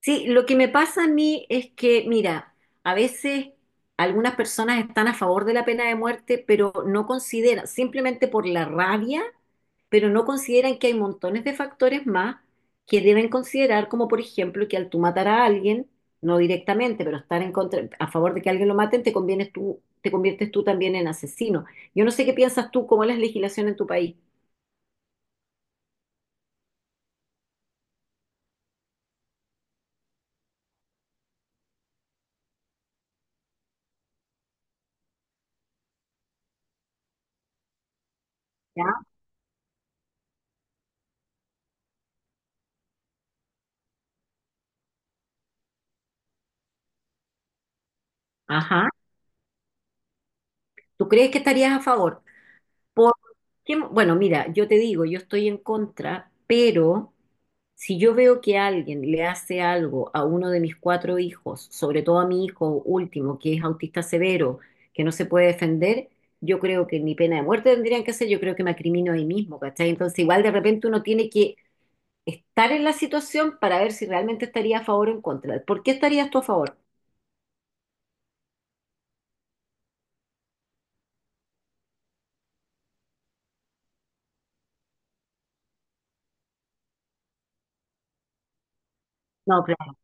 Sí, lo que me pasa a mí es que, mira, a veces algunas personas están a favor de la pena de muerte, pero no consideran, simplemente por la rabia, pero no consideran que hay montones de factores más que deben considerar, como por ejemplo que al tú matar a alguien, no directamente, pero estar en contra, a favor de que alguien lo maten, te convienes tú, te conviertes tú también en asesino. Yo no sé qué piensas tú, cómo es la legislación en tu país. ¿Ya? Ajá. ¿Tú crees que estarías a favor? Por- bueno, mira, yo te digo, yo estoy en contra, pero si yo veo que alguien le hace algo a uno de mis cuatro hijos, sobre todo a mi hijo último, que es autista severo, que no se puede defender, yo creo que ni pena de muerte tendrían que hacer, yo creo que me acrimino ahí mismo, ¿cachai? Entonces, igual de repente uno tiene que estar en la situación para ver si realmente estaría a favor o en contra. ¿Por qué estarías tú a favor? No, claro.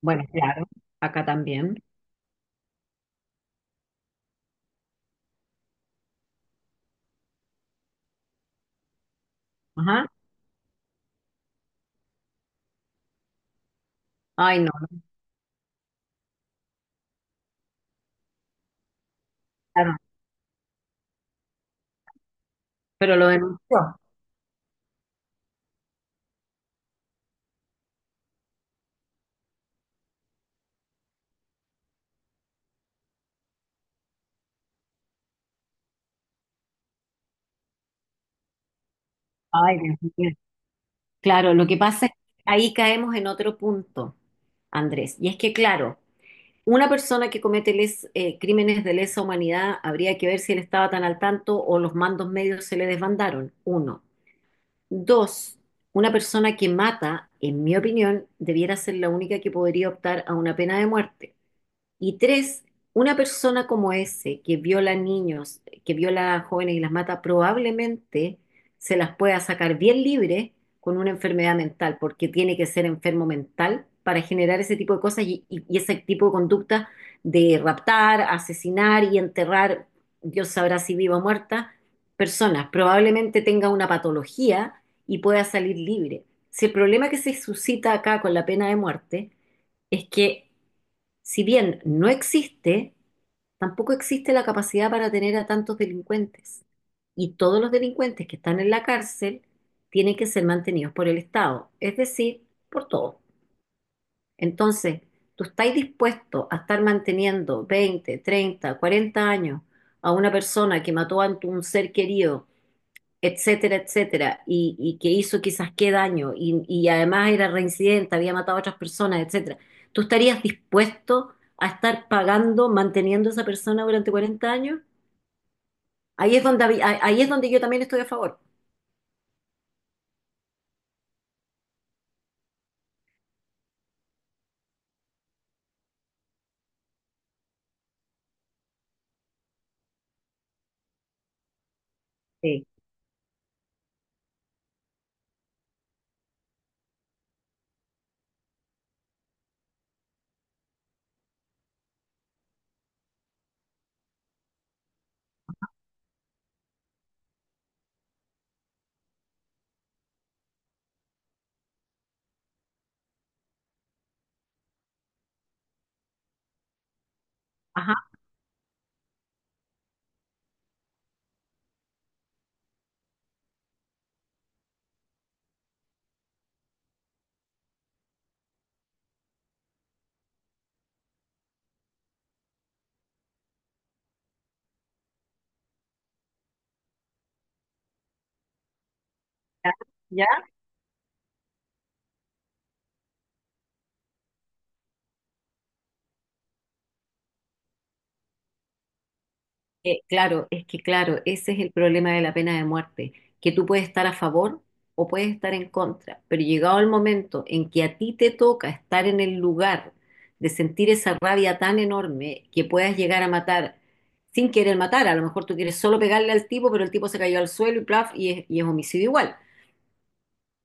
Bueno, claro. Acá también. Ajá. Ay, no, claro. Pero lo denunció. Ay, Dios mío. Claro, lo que pasa es que ahí caemos en otro punto, Andrés, y es que, claro, una persona que comete crímenes de lesa humanidad habría que ver si él estaba tan al tanto o los mandos medios se le desbandaron, uno. Dos, una persona que mata, en mi opinión, debiera ser la única que podría optar a una pena de muerte. Y tres, una persona como ese que viola niños, que viola a jóvenes y las mata, probablemente se las pueda sacar bien libre con una enfermedad mental, porque tiene que ser enfermo mental para generar ese tipo de cosas y ese tipo de conducta de raptar, asesinar y enterrar, Dios sabrá si viva o muerta, personas. Probablemente tenga una patología y pueda salir libre. Si el problema que se suscita acá con la pena de muerte es que si bien no existe, tampoco existe la capacidad para tener a tantos delincuentes. Y todos los delincuentes que están en la cárcel tienen que ser mantenidos por el Estado, es decir, por todos. Entonces, ¿tú estás dispuesto a estar manteniendo 20, 30, 40 años a una persona que mató a un ser querido, etcétera, etcétera, y que hizo quizás qué daño, y además era reincidente, había matado a otras personas, etcétera? ¿Tú estarías dispuesto a estar pagando, manteniendo a esa persona durante 40 años? Ahí es donde, ahí es donde yo también estoy a favor. Sí. Ajá, ya. Claro, es que claro, ese es el problema de la pena de muerte, que tú puedes estar a favor o puedes estar en contra, pero llegado el momento en que a ti te toca estar en el lugar de sentir esa rabia tan enorme que puedas llegar a matar sin querer matar, a lo mejor tú quieres solo pegarle al tipo, pero el tipo se cayó al suelo y plaf, y es homicidio igual.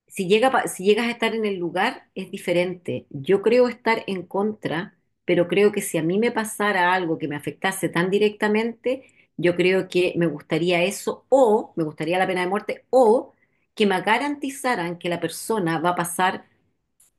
Si llegas a estar en el lugar, es diferente. Yo creo estar en contra, pero creo que si a mí me pasara algo que me afectase tan directamente, yo creo que me gustaría eso, o me gustaría la pena de muerte o que me garantizaran que la persona va a pasar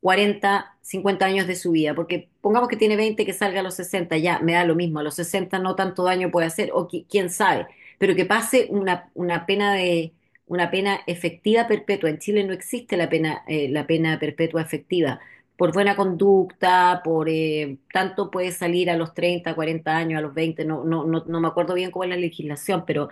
40 50 años de su vida, porque pongamos que tiene 20, que salga a los 60 ya me da lo mismo, a los 60 no tanto daño puede hacer, o quién sabe, pero que pase una pena efectiva perpetua. En Chile no existe la pena perpetua efectiva. Por buena conducta, por tanto puede salir a los 30 40 años, a los 20, no, no, no, no me acuerdo bien cómo es la legislación, pero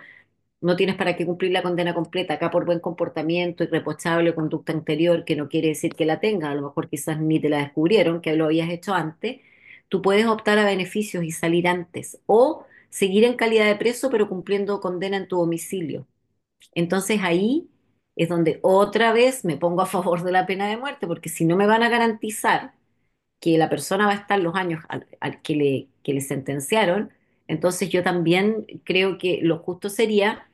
no tienes para qué cumplir la condena completa acá por buen comportamiento, irreprochable, conducta anterior, que no quiere decir que la tengas, a lo mejor quizás ni te la descubrieron, que lo habías hecho antes. Tú puedes optar a beneficios y salir antes o seguir en calidad de preso pero cumpliendo condena en tu domicilio. Entonces ahí es donde otra vez me pongo a favor de la pena de muerte, porque si no me van a garantizar que la persona va a estar los años al que le, sentenciaron, entonces yo también creo que lo justo sería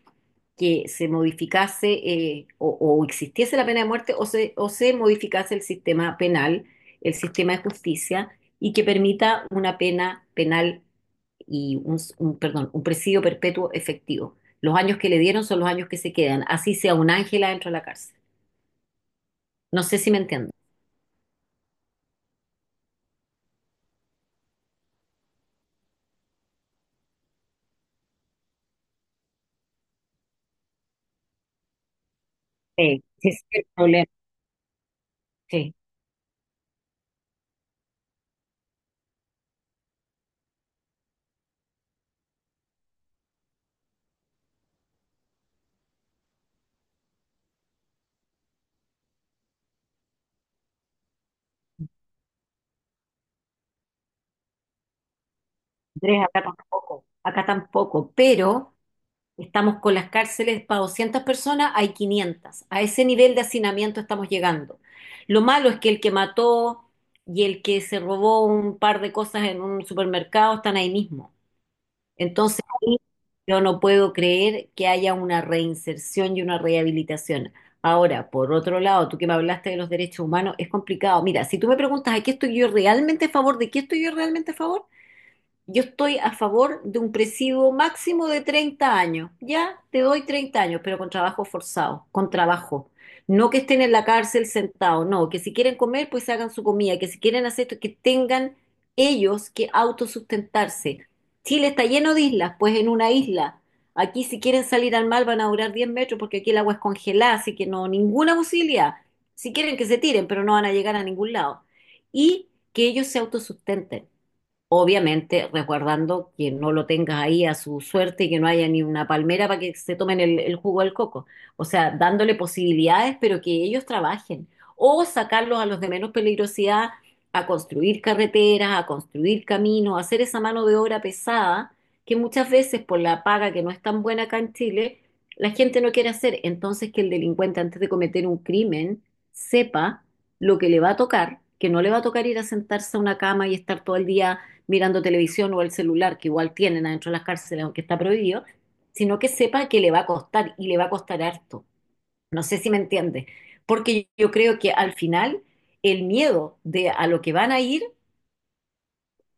que se modificase, o existiese la pena de muerte, o se modificase el sistema penal, el sistema de justicia, y que permita una pena penal y un presidio perpetuo efectivo. Los años que le dieron son los años que se quedan, así sea un ángel adentro de la cárcel. No sé si me entiendo. Sí, sí, ese es el problema. Sí, Andrés, acá tampoco, pero estamos con las cárceles para 200 personas, hay 500. A ese nivel de hacinamiento estamos llegando. Lo malo es que el que mató y el que se robó un par de cosas en un supermercado están ahí mismo. Entonces, ahí yo no puedo creer que haya una reinserción y una rehabilitación. Ahora, por otro lado, tú que me hablaste de los derechos humanos, es complicado. Mira, si tú me preguntas, ¿a qué estoy yo realmente a favor? ¿De qué estoy yo realmente a favor? Yo estoy a favor de un presidio máximo de 30 años. Ya te doy 30 años, pero con trabajo forzado, con trabajo. No que estén en la cárcel sentados, no, que si quieren comer, pues hagan su comida, que si quieren hacer esto, que tengan ellos que autosustentarse. Chile está lleno de islas, pues en una isla. Aquí si quieren salir al mar van a durar 10 metros porque aquí el agua es congelada, así que no, ninguna posibilidad. Si quieren que se tiren, pero no van a llegar a ningún lado. Y que ellos se autosustenten. Obviamente, resguardando que no lo tengas ahí a su suerte y que no haya ni una palmera para que se tomen el jugo del coco. O sea, dándole posibilidades, pero que ellos trabajen. O sacarlos a los de menos peligrosidad a construir carreteras, a construir caminos, a hacer esa mano de obra pesada, que muchas veces por la paga que no es tan buena acá en Chile, la gente no quiere hacer. Entonces, que el delincuente antes de cometer un crimen sepa lo que le va a tocar, que no le va a tocar ir a sentarse a una cama y estar todo el día mirando televisión o el celular, que igual tienen adentro de las cárceles, aunque está prohibido, sino que sepa que le va a costar y le va a costar harto. No sé si me entiende, porque yo creo que al final el miedo de a lo que van a ir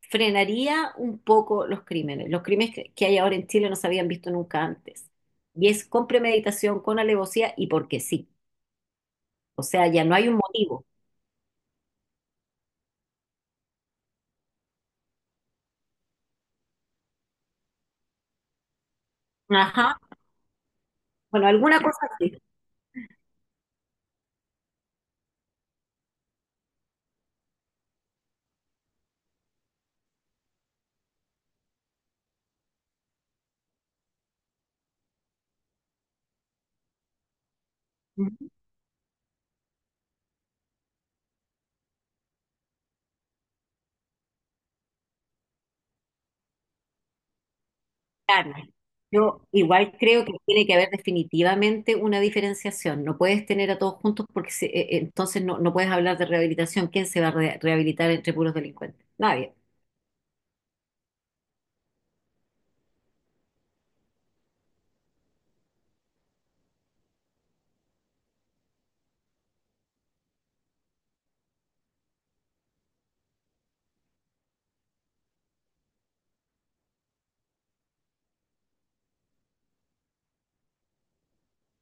frenaría un poco los crímenes. Los crímenes que hay ahora en Chile no se habían visto nunca antes. Y es con premeditación, con alevosía y porque sí. O sea, ya no hay un motivo. Ajá. Bueno, alguna cosa así. Claro. Yo igual creo que tiene que haber definitivamente una diferenciación. No puedes tener a todos juntos porque entonces no, puedes hablar de rehabilitación. ¿Quién se va a rehabilitar entre puros delincuentes? Nadie.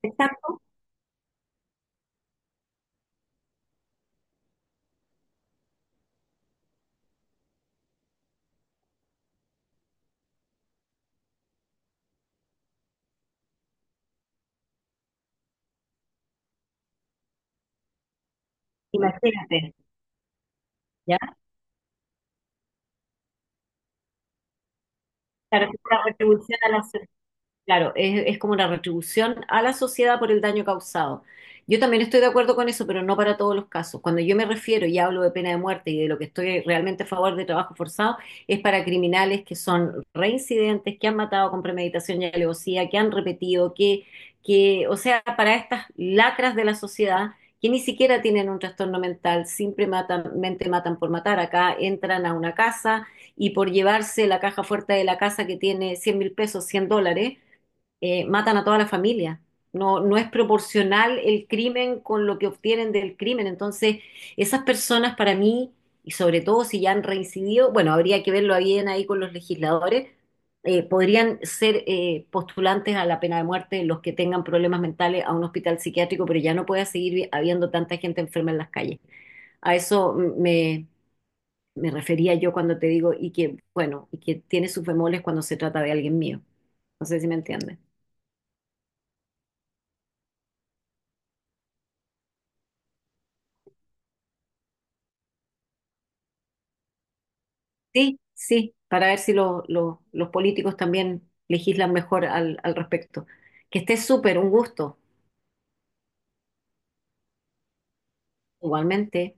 Por tanto, imagínate, ¿ya? Claro, es una retribución a la sociedad. Claro, es como una retribución a la sociedad por el daño causado. Yo también estoy de acuerdo con eso, pero no para todos los casos. Cuando yo me refiero y hablo de pena de muerte y de lo que estoy realmente a favor de trabajo forzado, es para criminales que son reincidentes, que han matado con premeditación y alevosía, que han repetido, o sea, para estas lacras de la sociedad que ni siquiera tienen un trastorno mental, simplemente matan por matar. Acá entran a una casa y por llevarse la caja fuerte de la casa que tiene $100.000, $100, matan a toda la familia. No, no es proporcional el crimen con lo que obtienen del crimen. Entonces, esas personas para mí, y sobre todo si ya han reincidido, bueno, habría que verlo bien ahí con los legisladores, podrían ser postulantes a la pena de muerte; los que tengan problemas mentales, a un hospital psiquiátrico, pero ya no puede seguir habiendo tanta gente enferma en las calles. A eso me refería yo cuando te digo, y que, bueno, y que tiene sus bemoles cuando se trata de alguien mío. No sé si me entiendes. Sí, sí, para ver si los políticos también legislan mejor al respecto. Que esté súper, un gusto, igualmente.